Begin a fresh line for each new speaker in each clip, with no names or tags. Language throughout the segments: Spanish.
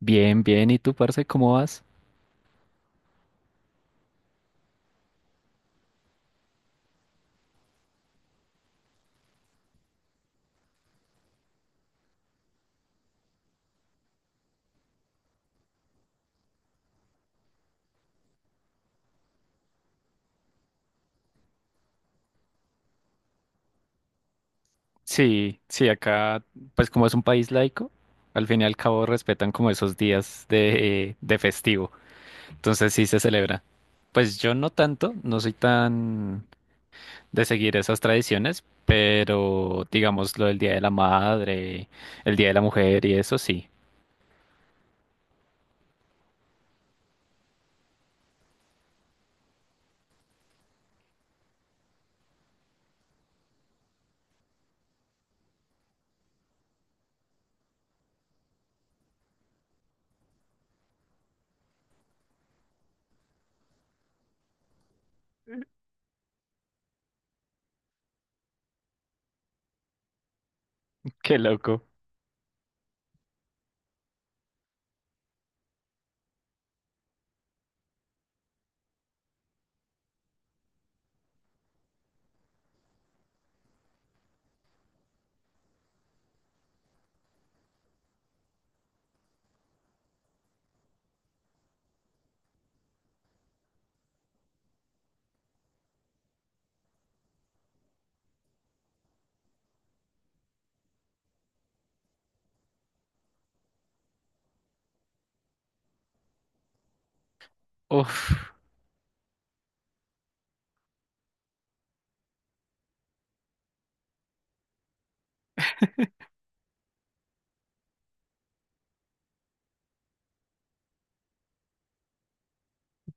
Bien, bien. ¿Y tú, parce, cómo vas? Sí, sí, acá, pues como es un país laico, al fin y al cabo respetan como esos días de, de festivo. Entonces sí se celebra. Pues yo no tanto, no soy tan de seguir esas tradiciones, pero digamos lo del Día de la Madre, el Día de la Mujer y eso sí. Qué loco. Uf,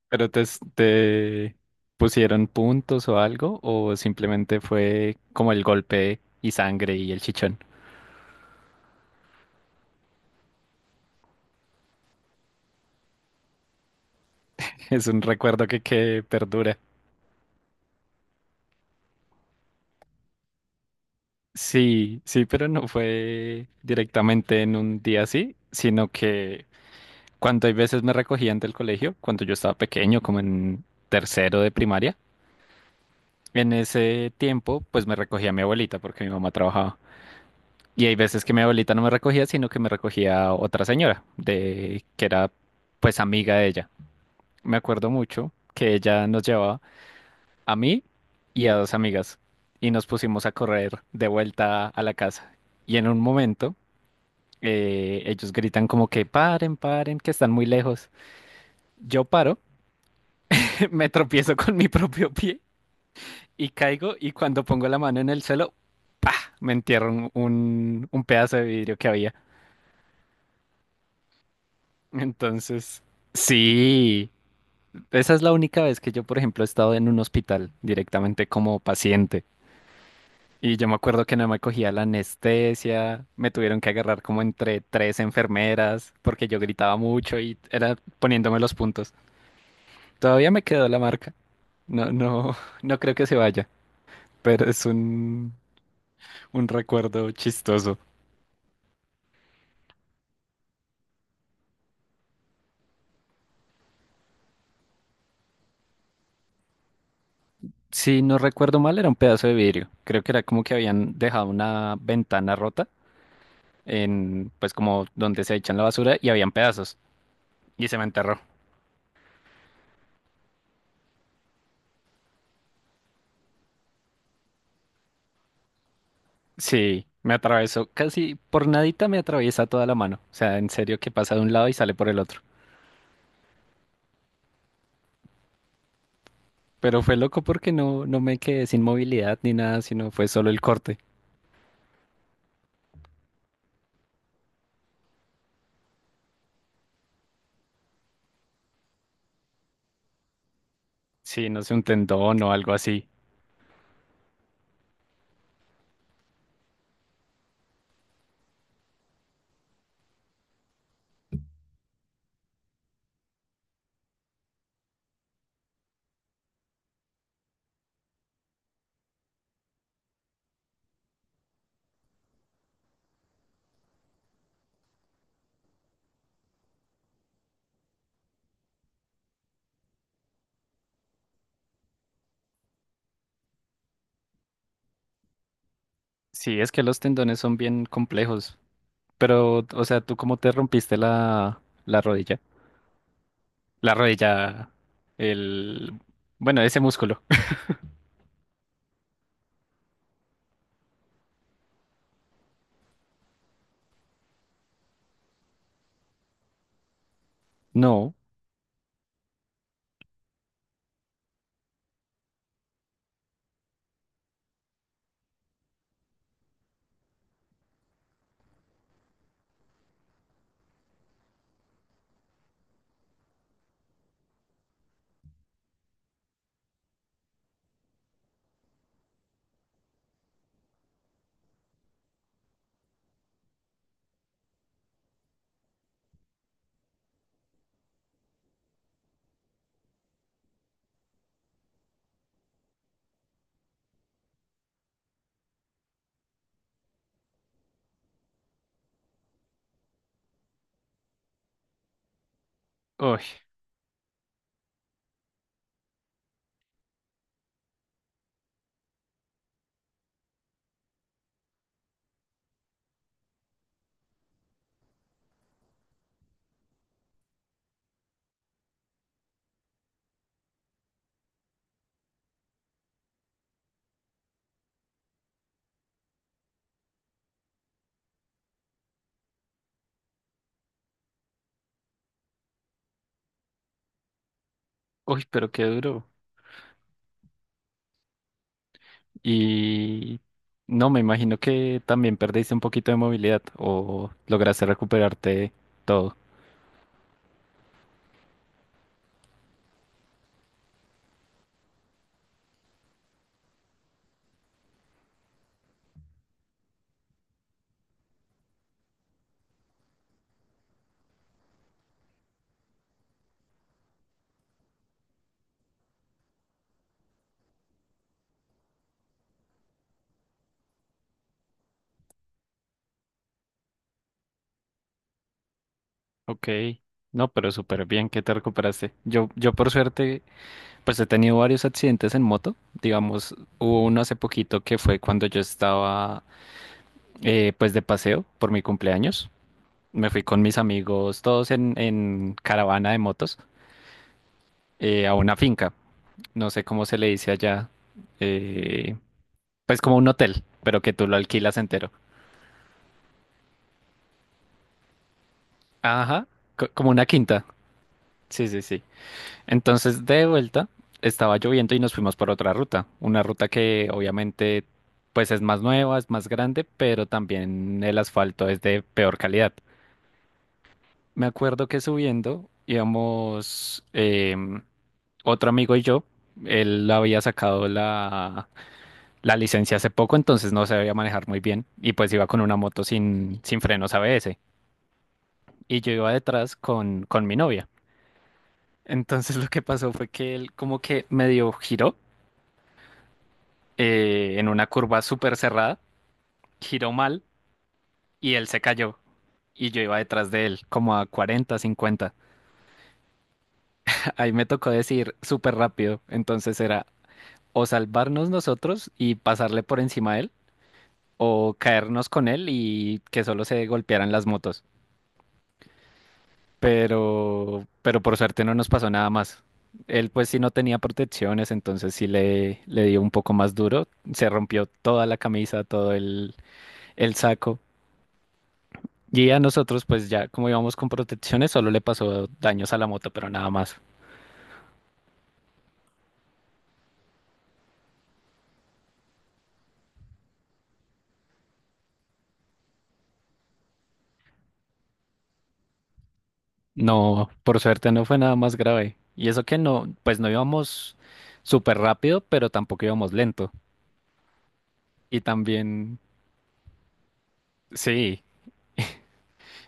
pero te pusieron puntos o algo, o simplemente fue como el golpe y sangre y el chichón. Es un recuerdo que perdura. Sí, sí, pero no fue directamente en un día así, sino que cuando hay veces me recogían del colegio, cuando yo estaba pequeño, como en tercero de primaria, en ese tiempo pues me recogía mi abuelita porque mi mamá trabajaba. Y hay veces que mi abuelita no me recogía, sino que me recogía otra señora, de que era pues amiga de ella. Me acuerdo mucho que ella nos llevaba a mí y a dos amigas y nos pusimos a correr de vuelta a la casa. Y en un momento ellos gritan como que paren, paren, que están muy lejos. Yo paro, me tropiezo con mi propio pie y caigo y cuando pongo la mano en el suelo, ¡pah!, me entierro un pedazo de vidrio que había. Entonces, sí, esa es la única vez que yo, por ejemplo, he estado en un hospital directamente como paciente. Y yo me acuerdo que no me cogía la anestesia, me tuvieron que agarrar como entre tres enfermeras porque yo gritaba mucho y era poniéndome los puntos. Todavía me quedó la marca. No, no, no creo que se vaya, pero es un recuerdo chistoso. Si no recuerdo mal, era un pedazo de vidrio. Creo que era como que habían dejado una ventana rota en, pues como donde se echan la basura y habían pedazos y se me enterró. Sí, me atravesó, casi por nadita me atraviesa toda la mano. O sea, en serio que pasa de un lado y sale por el otro. Pero fue loco porque no, no me quedé sin movilidad ni nada, sino fue solo el corte. Sí, no sé, un tendón o algo así. Sí, es que los tendones son bien complejos. Pero, o sea, ¿tú cómo te rompiste la rodilla? La rodilla, el, bueno, ese músculo. No. Uy, uy, pero qué duro. Y no, me imagino que también perdiste un poquito de movilidad o lograste recuperarte todo. Ok, no, pero súper bien que te recuperaste. Yo por suerte, pues he tenido varios accidentes en moto. Digamos, hubo uno hace poquito que fue cuando yo estaba pues de paseo por mi cumpleaños. Me fui con mis amigos, todos en, caravana de motos, a una finca. No sé cómo se le dice allá. eh, Pues como un hotel, pero que tú lo alquilas entero. Ajá, como una quinta. Sí, sí, sí. Entonces, de vuelta, estaba lloviendo y nos fuimos por otra ruta. Una ruta que obviamente, pues es más nueva, es más grande, pero también el asfalto es de peor calidad. Me acuerdo que subiendo íbamos otro amigo y yo. Él había sacado la licencia hace poco, entonces no sabía manejar muy bien y pues iba con una moto sin frenos ABS. Y yo iba detrás con mi novia. Entonces lo que pasó fue que él como que medio giró en una curva súper cerrada, giró mal y él se cayó. Y yo iba detrás de él, como a 40 50. Ahí me tocó decir súper rápido. Entonces era o salvarnos nosotros y pasarle por encima a él, o caernos con él y que solo se golpearan las motos. Pero por suerte no nos pasó nada más. Él pues sí no tenía protecciones, entonces sí le dio un poco más duro. Se rompió toda la camisa, todo el saco. Y a nosotros pues ya como íbamos con protecciones, solo le pasó daños a la moto, pero nada más. No, por suerte no fue nada más grave. Y eso que no, pues no íbamos súper rápido, pero tampoco íbamos lento. Y también, sí,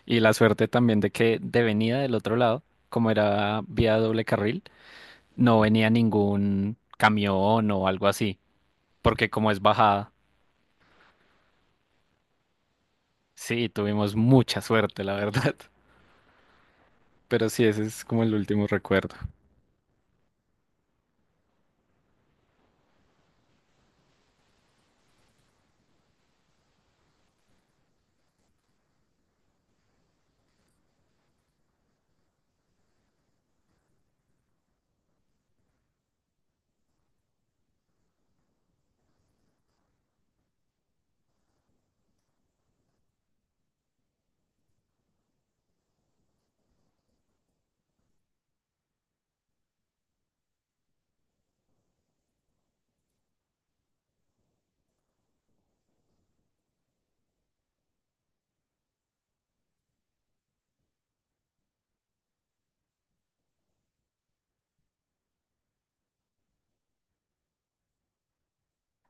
y la suerte también de que de venida del otro lado, como era vía doble carril, no venía ningún camión o algo así, porque como es bajada, sí, tuvimos mucha suerte, la verdad. Pero sí, ese es como el último recuerdo.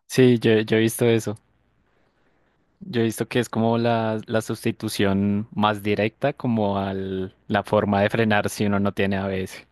Sí, yo he visto eso. Yo he visto que es como la sustitución más directa como a la forma de frenar si uno no tiene ABS.